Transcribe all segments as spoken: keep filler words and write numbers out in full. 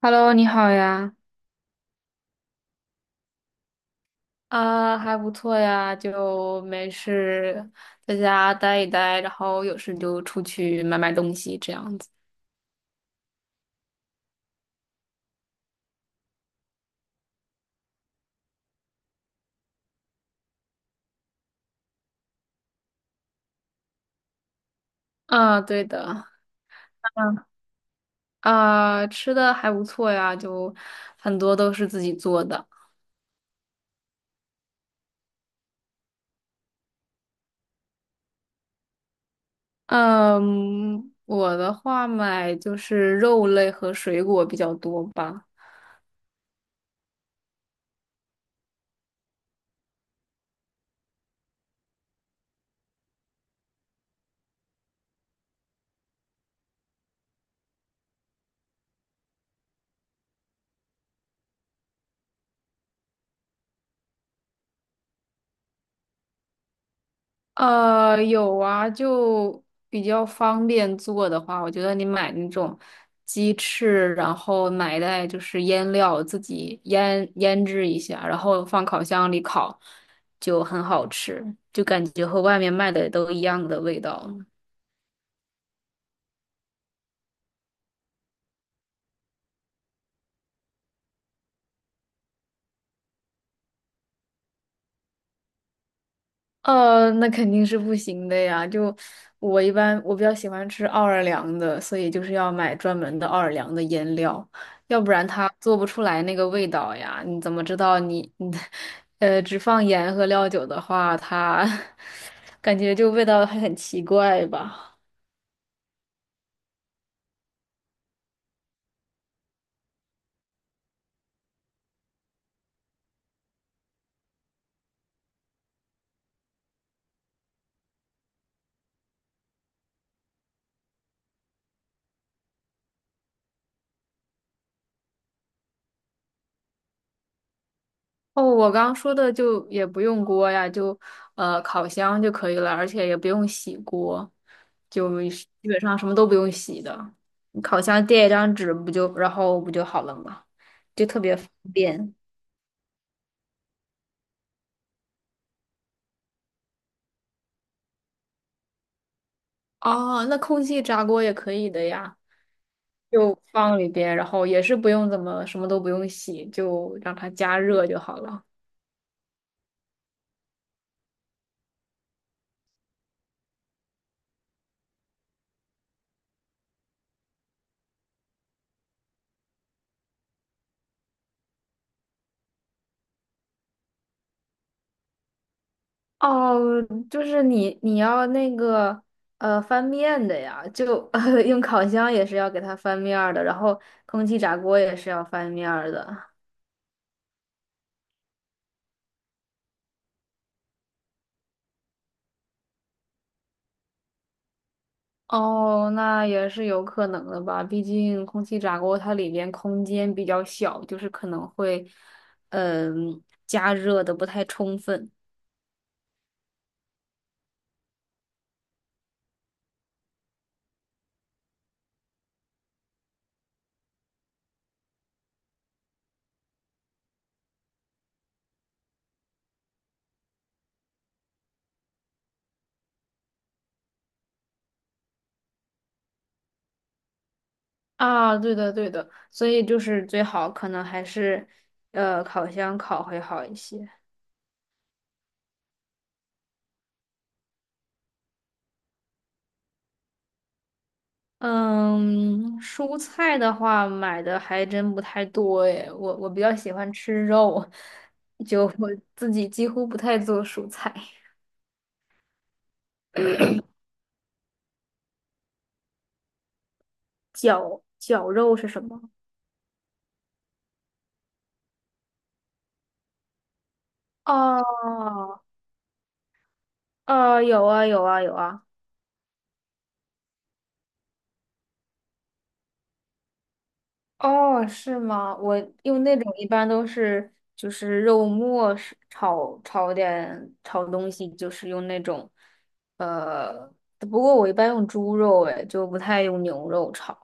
Hello，你好呀。啊，还不错呀，就没事在家待一待，然后有事就出去买买东西这样子。啊，对的。嗯，啊，吃的还不错呀，就很多都是自己做的。嗯，我的话买就是肉类和水果比较多吧。呃，有啊，就比较方便做的话，我觉得你买那种鸡翅，然后买一袋就是腌料，自己腌腌制一下，然后放烤箱里烤，就很好吃，就感觉和外面卖的都一样的味道。呃，那肯定是不行的呀。就我一般，我比较喜欢吃奥尔良的，所以就是要买专门的奥尔良的腌料，要不然它做不出来那个味道呀。你怎么知道你你 呃只放盐和料酒的话，它 感觉就味道还很奇怪吧？哦，我刚刚说的就也不用锅呀，就呃烤箱就可以了，而且也不用洗锅，就是基本上什么都不用洗的。你烤箱垫一张纸不就，然后不就好了嘛，就特别方便。哦，那空气炸锅也可以的呀，就放里边，然后也是不用怎么什么都不用洗，就让它加热就好了。哦，就是你你要那个呃翻面的呀，就 呃用烤箱也是要给它翻面儿的，然后空气炸锅也是要翻面儿的。哦，那也是有可能的吧，毕竟空气炸锅它里边空间比较小，就是可能会嗯、加热的不太充分。啊，对的对的，所以就是最好可能还是呃烤箱烤会好一些。嗯，蔬菜的话买的还真不太多诶，我我比较喜欢吃肉，就我自己几乎不太做蔬菜。绞绞肉是什么？哦，哦。有啊有啊有啊。哦，是吗？我用那种一般都是就是肉末是炒炒点炒东西，就是用那种呃，不过我一般用猪肉哎，就不太用牛肉炒。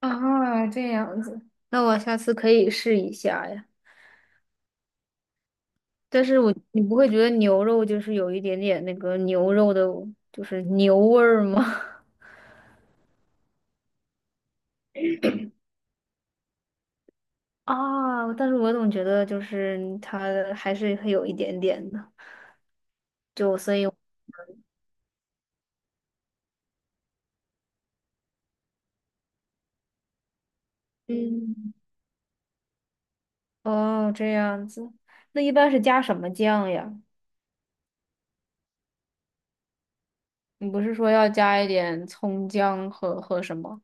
啊，这样子，那我下次可以试一下呀。但是我，你不会觉得牛肉就是有一点点那个牛肉的，就是牛味儿吗？啊，但是我总觉得就是它还是会有一点点的，就所以，嗯，哦，这样子，那一般是加什么酱呀？你不是说要加一点葱姜和和什么？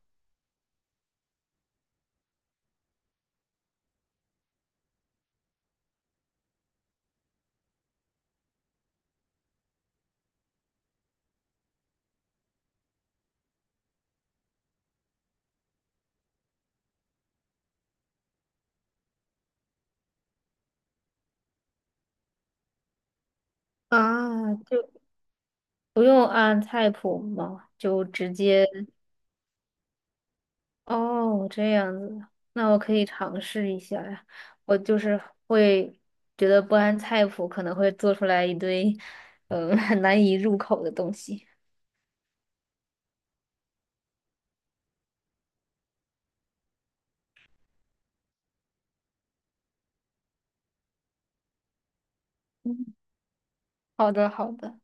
啊，就不用按菜谱吗？就直接。哦，这样子，那我可以尝试一下呀。我就是会觉得不按菜谱可能会做出来一堆，嗯，很难以入口的东西。嗯好的，好的。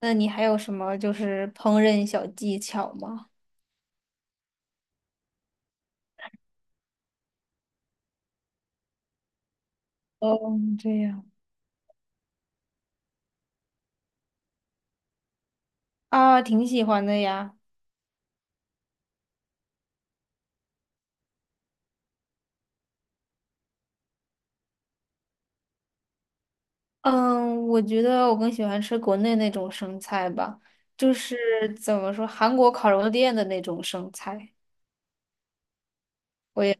那你还有什么就是烹饪小技巧吗？哦，这样。啊，挺喜欢的呀。嗯，我觉得我更喜欢吃国内那种生菜吧，就是怎么说，韩国烤肉店的那种生菜。我也。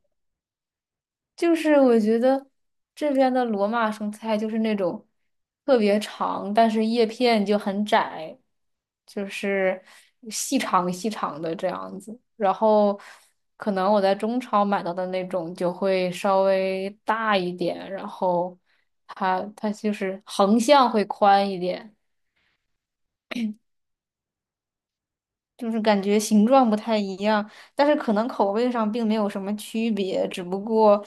就是我觉得这边的罗马生菜就是那种特别长，但是叶片就很窄，就是细长细长的这样子。然后可能我在中超买到的那种就会稍微大一点，然后它它就是横向会宽一点。就是感觉形状不太一样，但是可能口味上并没有什么区别，只不过，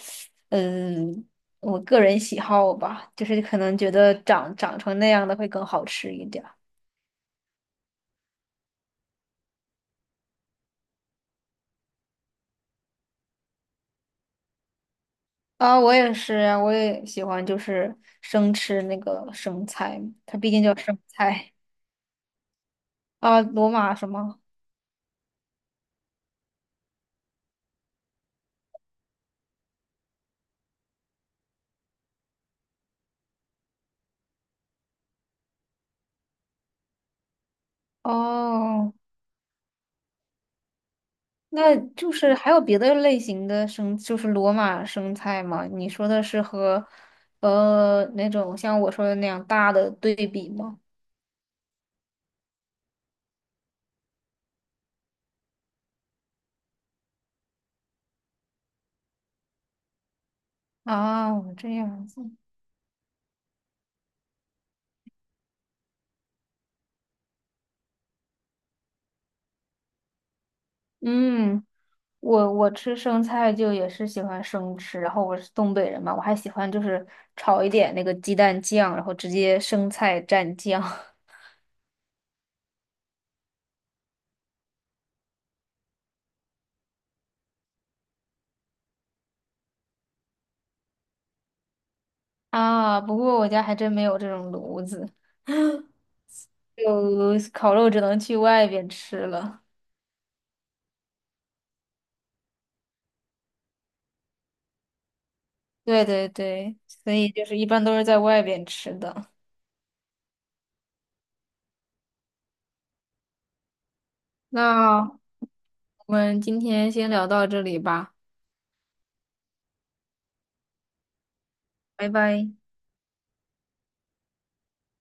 嗯，我个人喜好吧，就是可能觉得长长成那样的会更好吃一点儿。啊，我也是呀，我也喜欢就是生吃那个生菜，它毕竟叫生菜。啊，罗马什么？哦，那就是还有别的类型的生，就是罗马生菜吗？你说的是和，呃，那种像我说的那样大的对比吗？啊，这样子。嗯，我我吃生菜就也是喜欢生吃，然后我是东北人嘛，我还喜欢就是炒一点那个鸡蛋酱，然后直接生菜蘸酱 啊。不过我家还真没有这种炉子，就烤肉只能去外边吃了。对对对，所以就是一般都是在外边吃的。那我们今天先聊到这里吧，拜拜。